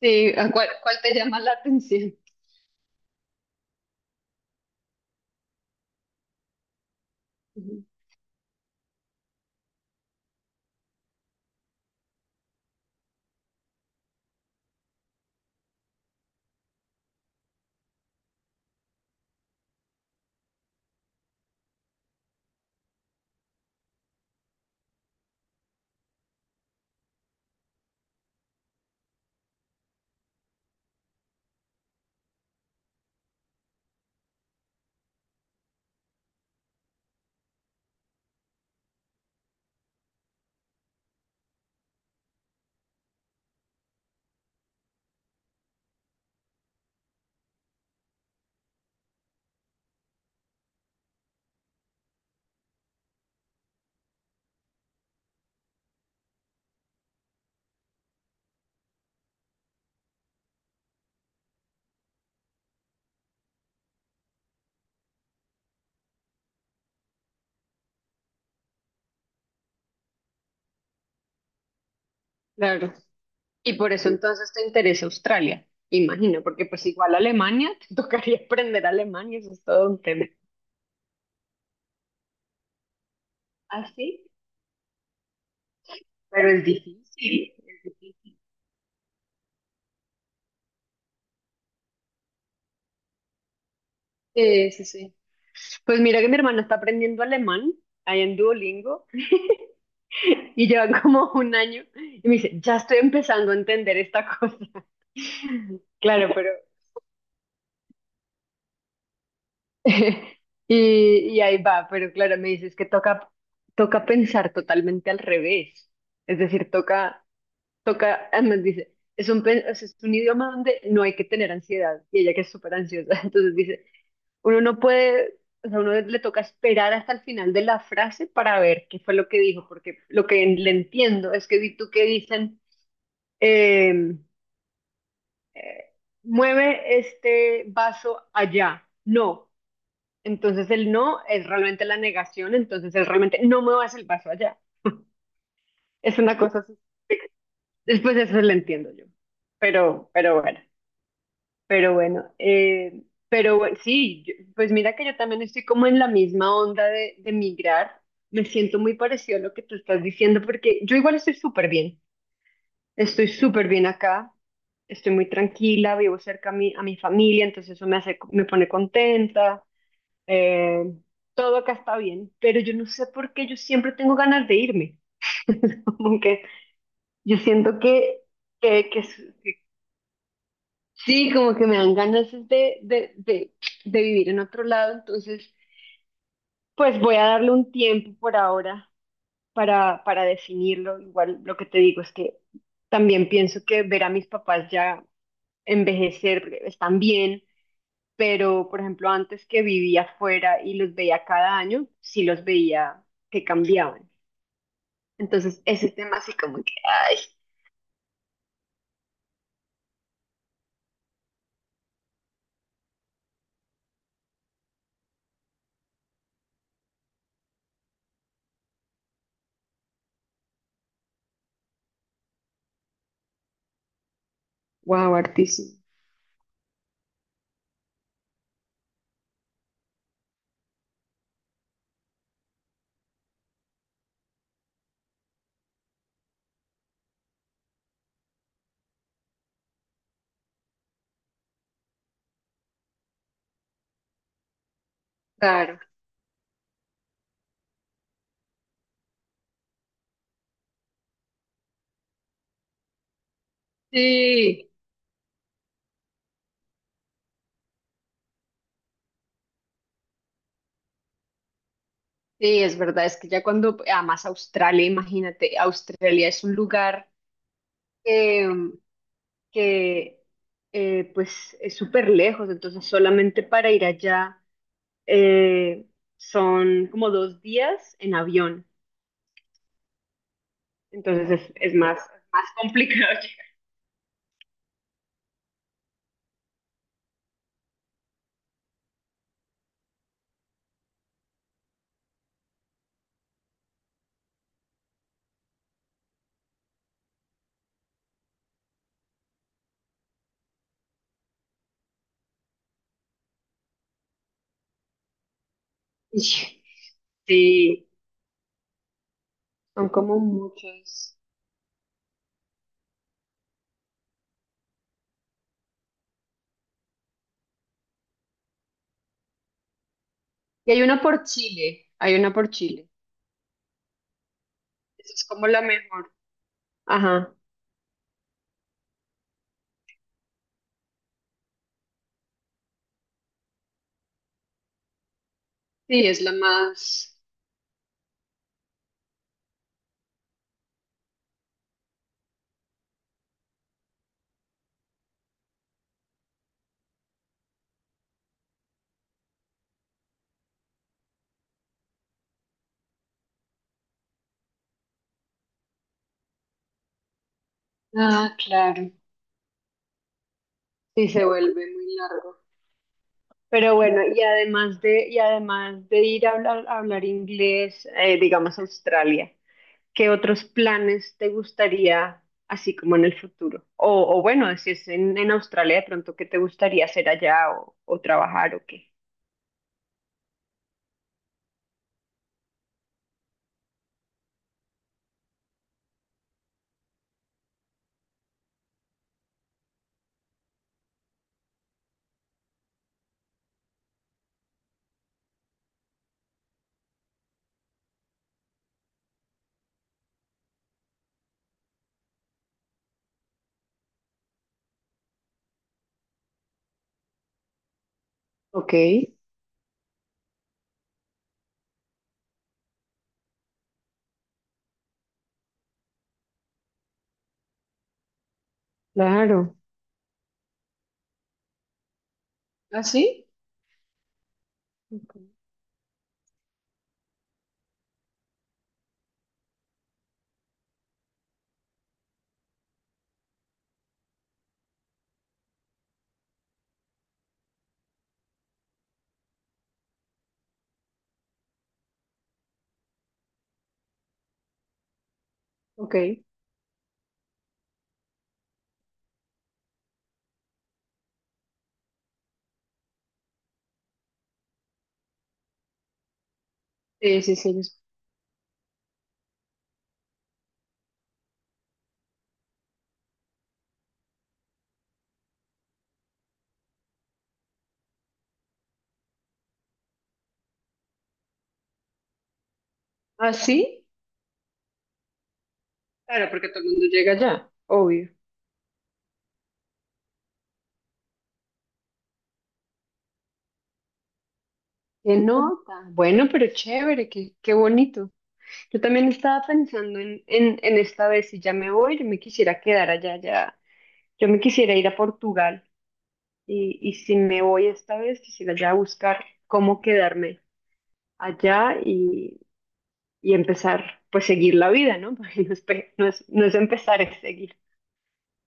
Sí, ¿cuál te llama la atención? Ujú. Claro. Y por eso entonces te interesa Australia, imagino, porque pues igual Alemania, te tocaría aprender alemán y eso es todo un tema. Así, pero es difícil. Sí, sí, sí. Pues mira que mi hermana está aprendiendo alemán ahí en Duolingo y lleva como un año y me dice, ya estoy empezando a entender esta cosa. Claro, pero Y, y ahí va, pero claro, me dices que toca, toca pensar totalmente al revés. Es decir, toca, toca, además dice, o sea, es un idioma donde no hay que tener ansiedad. Y ella que es súper ansiosa, entonces dice, uno no puede, o sea, uno le toca esperar hasta el final de la frase para ver qué fue lo que dijo, porque lo que le entiendo es que vi tú que dicen, em, eh, mueve este vaso allá. No. Entonces el no es realmente la negación, entonces es realmente no muevas el vaso allá. Es una cosa así. Después eso lo entiendo yo. Pero bueno, pero bueno. eh, pero bueno, sí, yo- pues mira que yo también estoy como en la misma onda de, migrar. Me siento muy parecido a lo que tú estás diciendo porque yo igual estoy súper bien. Estoy súper bien acá. Estoy muy tranquila, vivo cerca a mi familia, entonces eso me hace, me pone contenta. eh, Todo acá está bien, pero yo no sé por qué yo siempre tengo ganas de irme. Como que yo siento que, que s- sí, como que me dan ganas es de, de vivir en otro lado, entonces pues voy a darle un tiempo por ahora para definirlo. Igual lo que te digo es que también pienso que ver a mis papás ya envejecer porque están bien. Pero, por ejemplo, antes que vivía afuera y los veía cada año, sí los veía que cambiaban. Entonces, ese tema así como que, ay, wow, hartísimo. Claro. Sí, sí, es verdad, es que ya cuando, además Australia, imagínate, Australia es un lugar eh, que pues es súper lejos, entonces solamente para ir allá, eh, son como dos días en avión, entonces es más, más complicado llegar. Y- Sí, son como muchos. Y hay una por Chile, hay una por Chile, eso es como la mejor. Ajá, sí, es la más. Ah, claro. Sí, se vuelve muy largo. Pero bueno, y además de ir a hablar inglés, digamos Australia, ¿qué otros planes te gustaría así como en el futuro? O bueno, si es en Australia de pronto, ¿qué te gustaría hacer allá o trabajar o qué? Ok. Claro. ¿Ah, sí? Ok. Ok. Sí, sí, sí. ¿Ah, sí? Claro, porque todo el mundo llega allá. Obvio. Qué nota. Bueno, pero chévere, qué, qué bonito. Yo también estaba pensando en esta vez, si ya me voy, yo me quisiera quedar allá, ya. Yo me quisiera ir a Portugal y si me voy esta vez, quisiera ya buscar cómo quedarme allá y empezar, pues seguir la vida, ¿no? Porque no es, pe- no es, no es empezar, es seguir.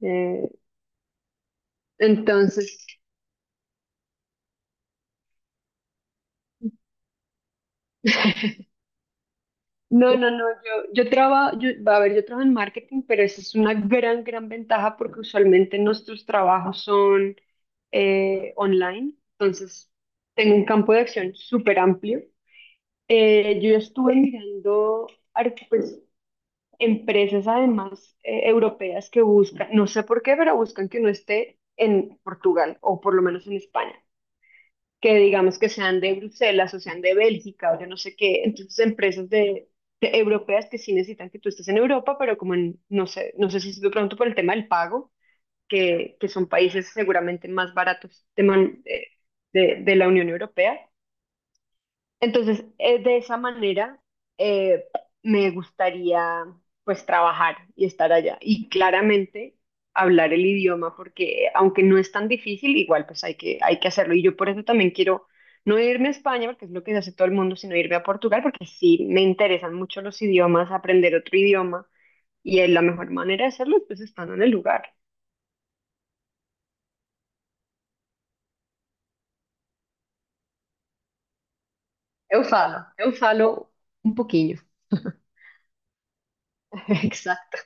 Eh, entonces, No, no, no, yo trabajo, yo, a ver, yo trabajo en marketing, pero esa es una gran, gran ventaja porque usualmente nuestros trabajos son online, entonces tengo un campo de acción súper amplio. Yo ya estuve mirando pues, empresas además europeas que buscan, no sé por qué, pero buscan que uno esté en Portugal o por lo menos en España, que digamos que sean de Bruselas o sean de Bélgica o yo no sé qué, entonces empresas de europeas que sí necesitan que tú estés en Europa, pero como en, no sé, no sé si es de pronto por el tema del pago, que son países seguramente más baratos de, de la Unión Europea, entonces, de esa manera, eh, me gustaría pues trabajar y estar allá. Y claramente hablar el idioma, porque aunque no es tan difícil, igual pues hay que hacerlo. Y yo por eso también quiero no irme a España, porque es lo que hace todo el mundo, sino irme a Portugal, porque sí me interesan mucho los idiomas, aprender otro idioma. Y es la mejor manera de hacerlo es pues estando en el lugar. Eu falo un poquillo. Exacto.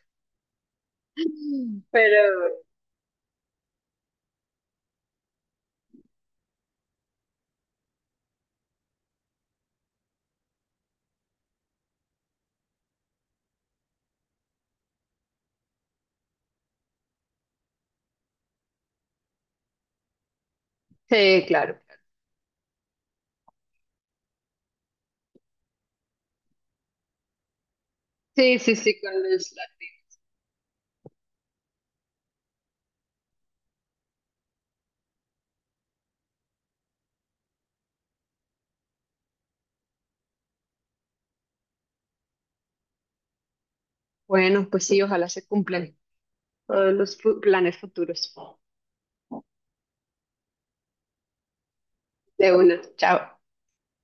Pero sí, claro. Sí, sí, sí, con los- Bueno, pues sí, ojalá se cumplan todos los planes futuros. De una, chao.